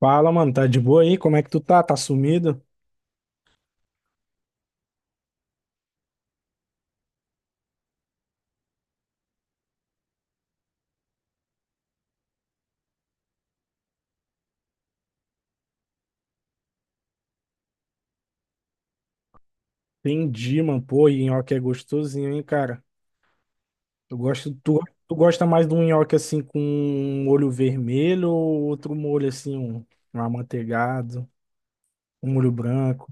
Fala, mano, tá de boa aí? Como é que tu tá? Tá sumido? Entendi, mano. Pô, e nhoque é gostosinho, hein, cara? Eu gosto, tu, tu gosta mais de um nhoque assim com um olho vermelho ou outro molho assim, um amanteigado, um molho branco?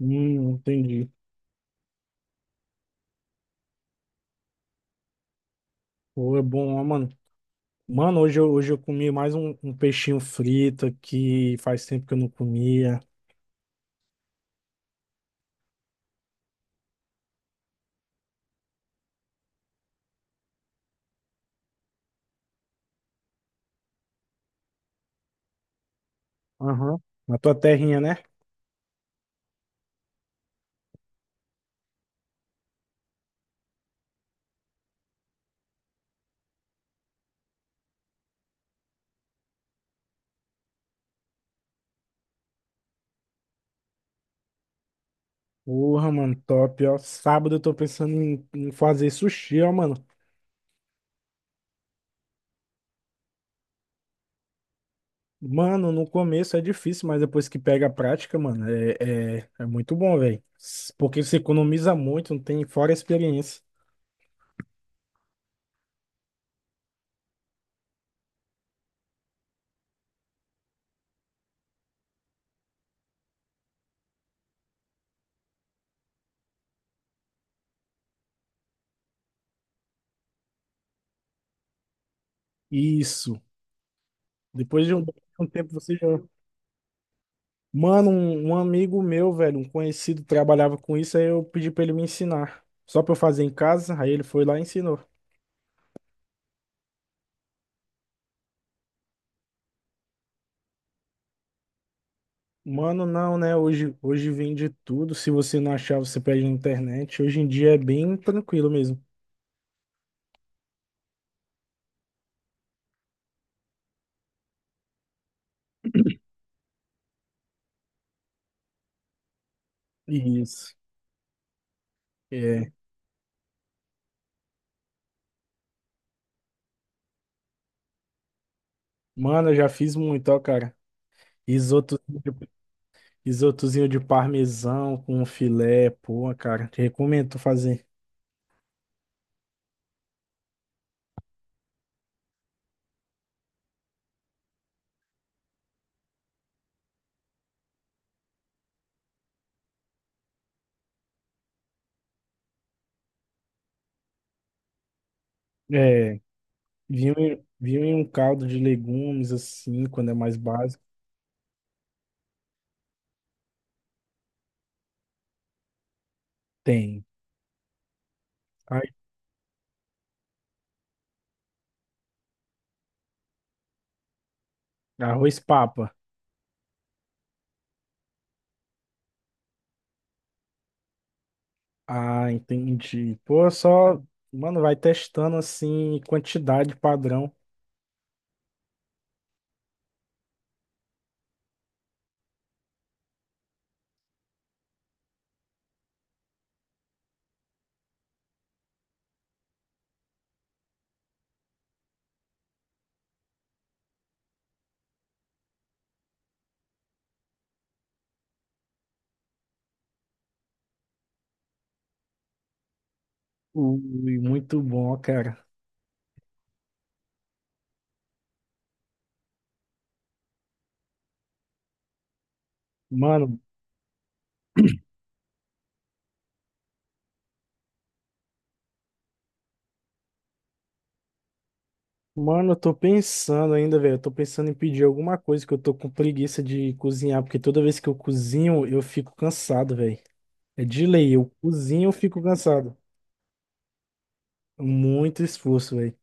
Entendi. Pô, é bom, ó, mano. Mano, hoje eu comi mais um peixinho frito que faz tempo que eu não comia. Aham. Na tua terrinha, né? Porra, mano, top, ó. Sábado eu tô pensando em fazer sushi, ó, mano. Mano, no começo é difícil, mas depois que pega a prática, mano, é muito bom, velho. Porque você economiza muito, não tem fora a experiência. Isso. Depois de um tempo você já. Mano, um amigo meu, velho, um conhecido, trabalhava com isso, aí eu pedi pra ele me ensinar. Só pra eu fazer em casa, aí ele foi lá e ensinou. Mano, não, né? Hoje vende tudo. Se você não achar, você pede na internet. Hoje em dia é bem tranquilo mesmo. Isso. É. Mano, eu já fiz muito, ó, cara. Isotozinho de, isotozinho de parmesão com filé, pô, cara. Te recomendo tu fazer. É. Vinho em um caldo de legumes, assim, quando é mais básico. Tem. Ai, arroz papa. Ah, entendi. Pô, só. Mano, vai testando, assim, quantidade padrão. Ui, muito bom, ó, cara. Mano, Mano, eu tô pensando ainda, velho. Eu tô pensando em pedir alguma coisa que eu tô com preguiça de cozinhar, porque toda vez que eu cozinho, eu fico cansado, velho. É de lei, eu cozinho, eu fico cansado. Muito esforço, velho.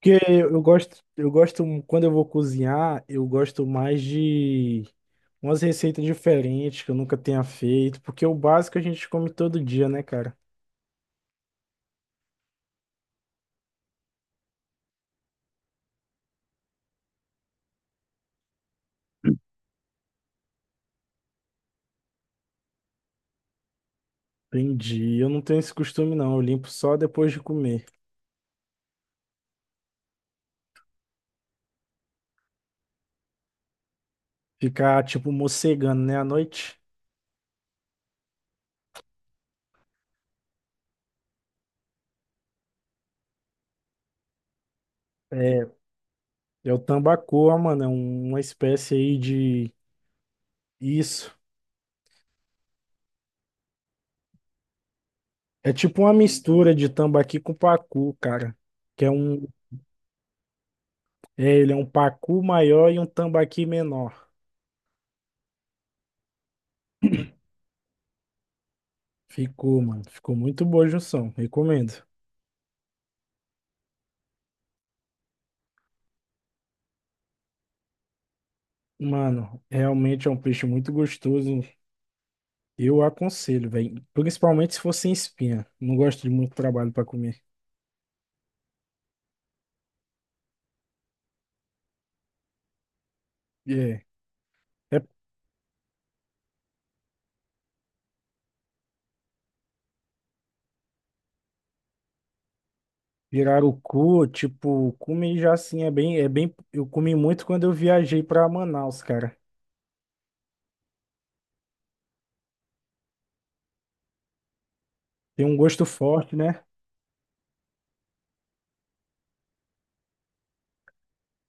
Porque eu gosto, eu gosto, quando eu vou cozinhar, eu gosto mais de umas receitas diferentes que eu nunca tenha feito, porque é o básico a gente come todo dia, né, cara? Entendi. Eu não tenho esse costume, não. Eu limpo só depois de comer. Ficar, tipo, mocegando, né, à noite. É, é o tambacoa, mano. Uma espécie aí de. Isso. É tipo uma mistura de tambaqui com pacu, cara. Que é um. É, ele é um pacu maior e um tambaqui menor. Ficou, mano. Ficou muito boa a junção. Recomendo. Mano, realmente é um peixe muito gostoso. Eu aconselho, velho. Principalmente se for sem espinha. Não gosto de muito trabalho pra comer. É. É pirarucu, tipo, comi já assim, é bem. Eu comi muito quando eu viajei pra Manaus, cara. Tem um gosto forte, né?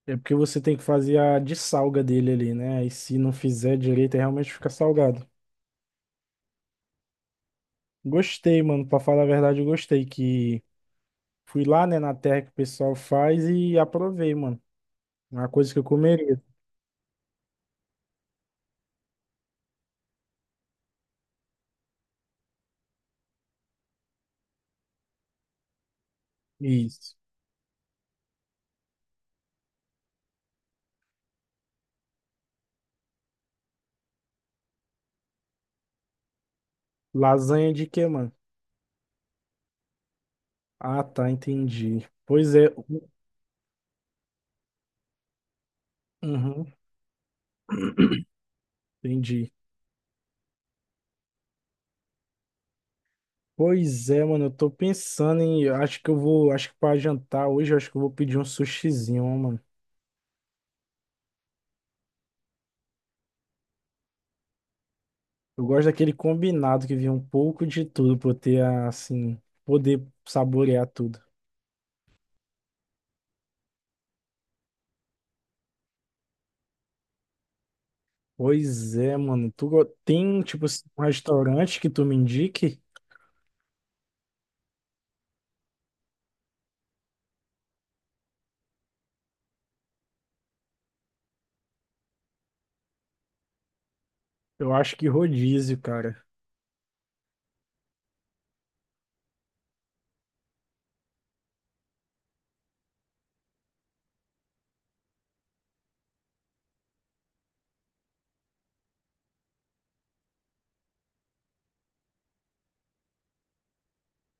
É porque você tem que fazer a dessalga dele ali, né? E se não fizer direito, aí realmente fica salgado. Gostei, mano. Pra falar a verdade, eu gostei que fui lá, né, na terra que o pessoal faz e aprovei, mano. Uma coisa que eu comeria. Isso. Lasanha de quê, mano? Ah, tá, entendi. Pois é. Uhum, entendi. Pois é, mano, eu tô pensando em. Acho que eu vou. Acho que pra jantar hoje, eu acho que eu vou pedir um sushizinho, ó, mano. Eu gosto daquele combinado que vinha um pouco de tudo pra eu ter, assim, poder saborear tudo. Pois é, mano. Tem, tipo, assim, um restaurante que tu me indique? Eu acho que rodízio, cara.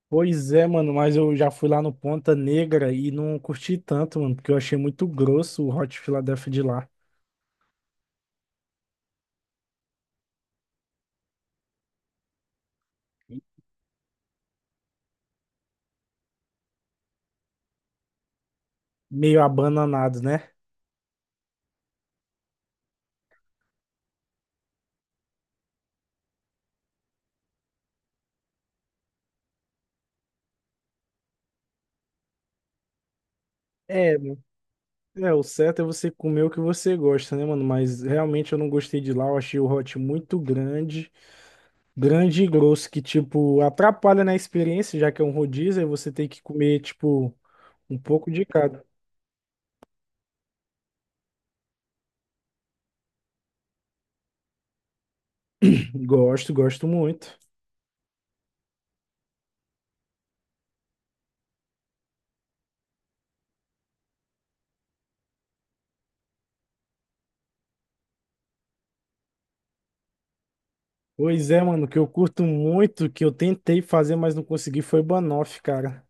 Pois é, mano, mas eu já fui lá no Ponta Negra e não curti tanto, mano, porque eu achei muito grosso o Hot Philadelphia de lá. Meio abananado, né? É, o certo é você comer o que você gosta, né, mano? Mas realmente eu não gostei de lá, eu achei o Hot muito grande. Grande e grosso que, tipo, atrapalha na experiência, já que é um rodízio, aí você tem que comer, tipo, um pouco de cada. Gosto, gosto muito. Pois é, mano, o que eu curto muito, que eu tentei fazer, mas não consegui, foi banoffee, cara.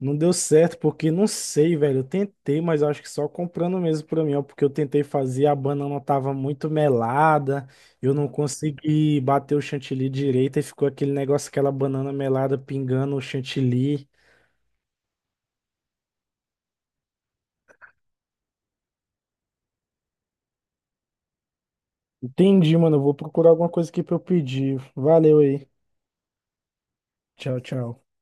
Não deu certo, porque não sei, velho. Eu tentei, mas eu acho que só comprando mesmo pra mim, ó, porque eu tentei fazer, a banana tava muito melada, eu não consegui bater o chantilly direito, e ficou aquele negócio, aquela banana melada pingando o chantilly. Entendi, mano. Eu vou procurar alguma coisa aqui pra eu pedir. Valeu aí. Tchau, tchau.